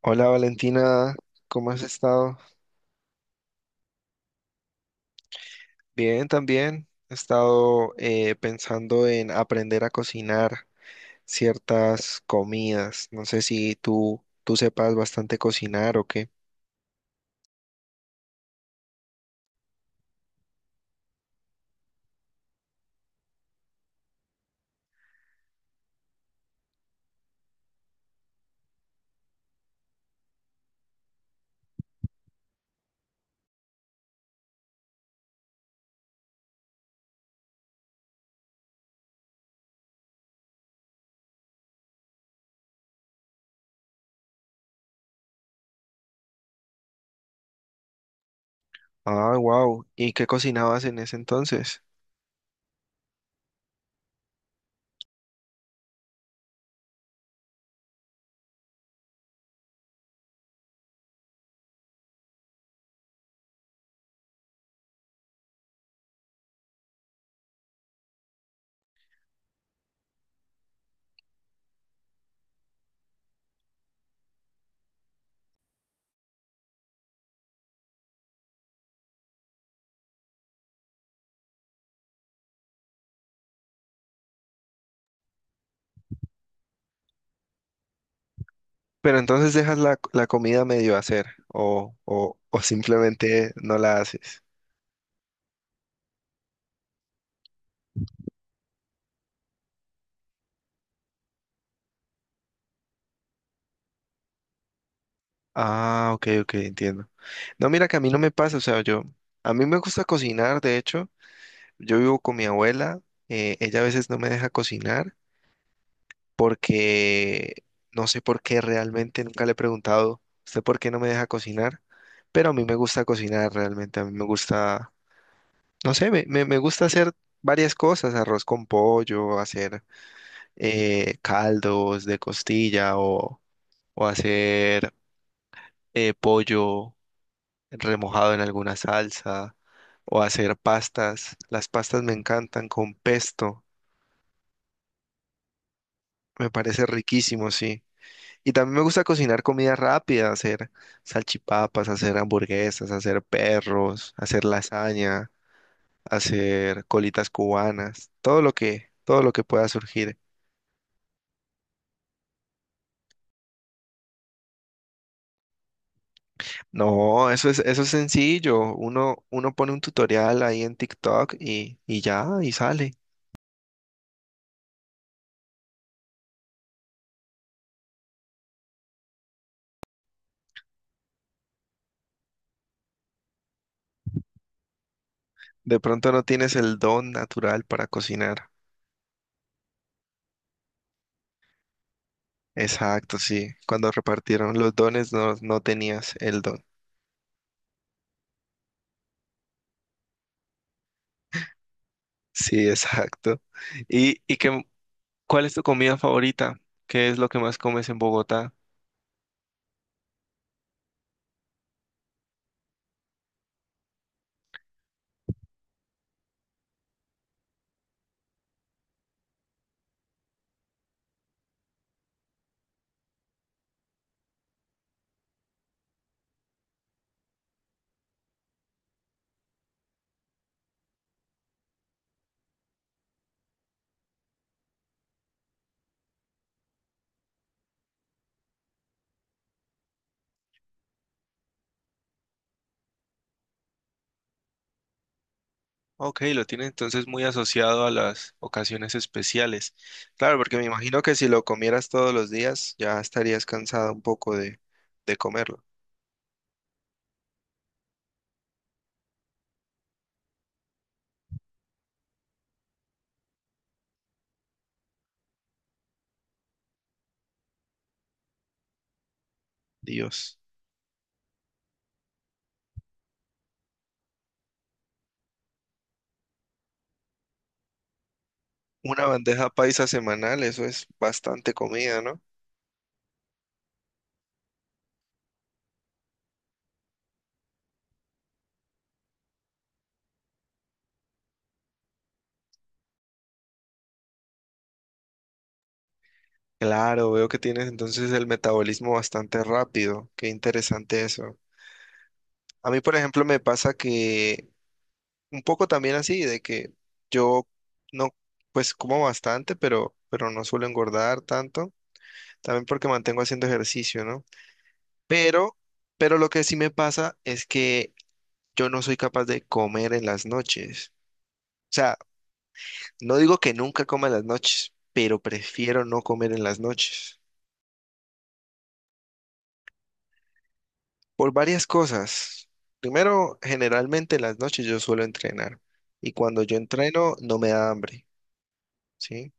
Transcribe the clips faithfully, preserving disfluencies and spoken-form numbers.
Hola Valentina, ¿cómo has estado? Bien, también. He estado eh, pensando en aprender a cocinar ciertas comidas. No sé si tú, tú sepas bastante cocinar o qué. Ah, wow. ¿Y qué cocinabas en ese entonces? Pero entonces dejas la, la comida medio hacer o, o, o simplemente no la haces. Ah, ok, ok, entiendo. No, mira que a mí no me pasa, o sea, yo, a mí me gusta cocinar, de hecho. Yo vivo con mi abuela, eh, ella a veces no me deja cocinar porque no sé por qué realmente, nunca le he preguntado, ¿usted por qué no me deja cocinar? Pero a mí me gusta cocinar realmente, a mí me gusta, no sé, me, me- me gusta hacer varias cosas, arroz con pollo, hacer eh, caldos de costilla o, o hacer eh, pollo remojado en alguna salsa o hacer pastas. Las pastas me encantan con pesto. Me parece riquísimo, sí. Y también me gusta cocinar comida rápida, hacer salchipapas, hacer hamburguesas, hacer perros, hacer lasaña, hacer colitas cubanas, todo lo que, todo lo que pueda surgir. No, eso es, eso es sencillo. Uno, uno pone un tutorial ahí en TikTok y, y ya, y sale. De pronto no tienes el don natural para cocinar. Exacto, sí. Cuando repartieron los dones no, no tenías el don. Sí, exacto. ¿Y, y qué, ¿Cuál es tu comida favorita? ¿Qué es lo que más comes en Bogotá? Ok, lo tiene entonces muy asociado a las ocasiones especiales. Claro, porque me imagino que si lo comieras todos los días, ya estarías cansada un poco de, de comerlo. Dios. Una bandeja paisa semanal, eso es bastante comida, ¿no? Claro, veo que tienes entonces el metabolismo bastante rápido. Qué interesante eso. A mí, por ejemplo, me pasa que un poco también así, de que yo no, pues como bastante, pero, pero no suelo engordar tanto, también porque mantengo haciendo ejercicio, ¿no? Pero, pero lo que sí me pasa es que yo no soy capaz de comer en las noches. O sea, no digo que nunca coma en las noches, pero prefiero no comer en las noches. Por varias cosas. Primero, generalmente en las noches yo suelo entrenar y cuando yo entreno no me da hambre, ¿sí?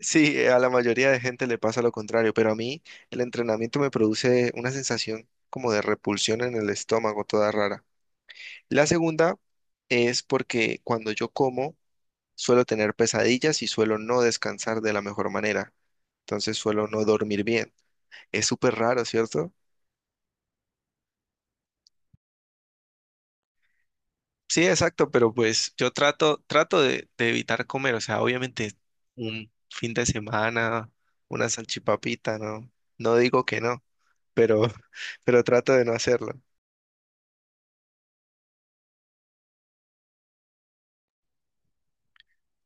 Sí, eh, a la mayoría de gente le pasa lo contrario, pero a mí el entrenamiento me produce una sensación como de repulsión en el estómago, toda rara. La segunda es porque cuando yo como suelo tener pesadillas y suelo no descansar de la mejor manera, entonces suelo no dormir bien. Es súper raro, ¿cierto? Sí, exacto, pero pues yo trato, trato de, de evitar comer, o sea, obviamente un fin de semana, una salchipapita, ¿no? No digo que no. Pero, pero trato de no hacerlo.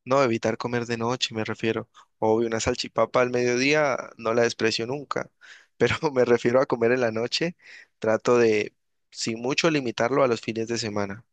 No, evitar comer de noche, me refiero. Obvio, una salchipapa al mediodía no la desprecio nunca, pero me refiero a comer en la noche. Trato de, sin mucho, limitarlo a los fines de semana.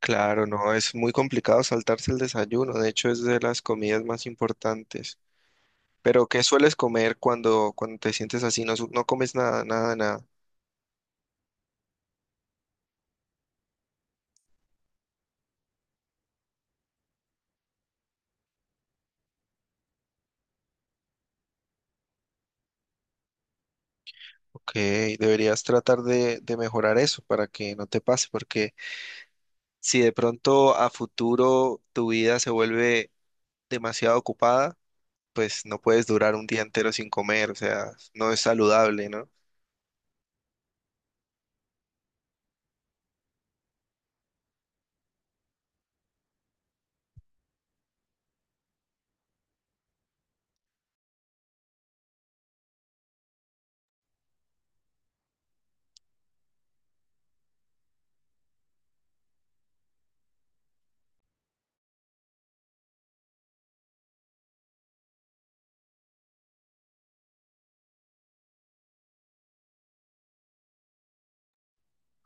Claro, no, es muy complicado saltarse el desayuno. De hecho, es de las comidas más importantes. Pero, ¿qué sueles comer cuando, cuando te sientes así? No, su- no comes nada, nada, nada. Ok, deberías tratar de, de mejorar eso para que no te pase, porque si de pronto a futuro tu vida se vuelve demasiado ocupada, pues no puedes durar un día entero sin comer, o sea, no es saludable, ¿no?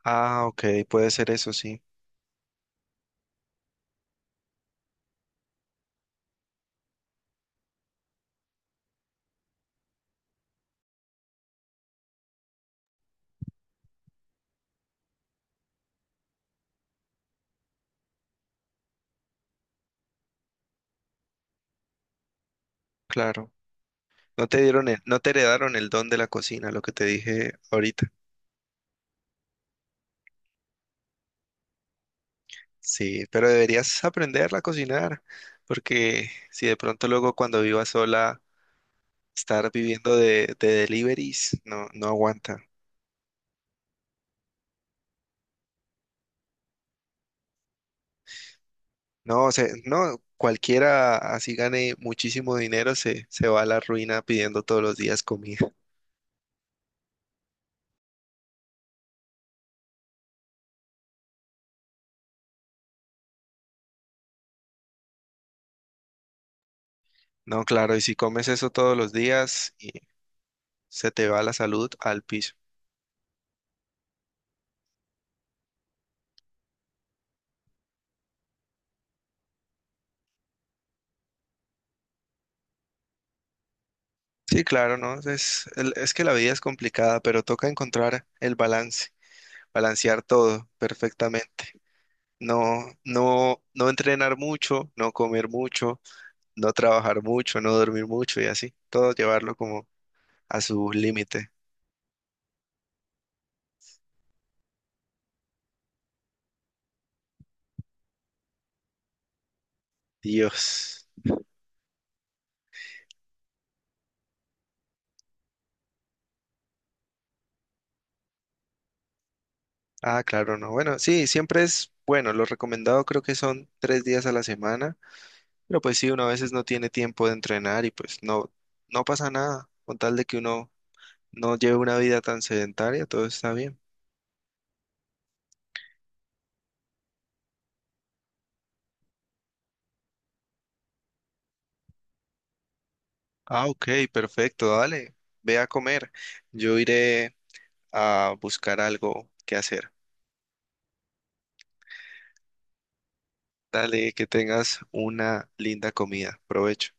Ah, ok, puede ser eso, sí, claro. No te dieron el- no te heredaron el don de la cocina, lo que te dije ahorita. Sí, pero deberías aprenderla a cocinar, porque si de pronto luego cuando vivas sola, estar viviendo de, de deliveries, no, no aguanta. No, o sea, no, cualquiera así gane muchísimo dinero se, se va a la ruina pidiendo todos los días comida. No, claro, y si comes eso todos los días y se te va la salud al piso. Sí, claro, no, es, el- es que la vida es complicada, pero toca encontrar el balance, balancear todo perfectamente. No, no, no entrenar mucho, no comer mucho, no trabajar mucho, no dormir mucho y así, todo llevarlo como a su límite. Dios. Ah, claro, no. Bueno, sí, siempre es bueno. Lo recomendado creo que son tres días a la semana, pero pues sí, uno a veces no tiene tiempo de entrenar y pues no, no pasa nada. Con tal de que uno no lleve una vida tan sedentaria, todo está bien. Ah, ok, perfecto, dale. Ve a comer. Yo iré a buscar algo que hacer. Dale, que tengas una linda comida. Provecho.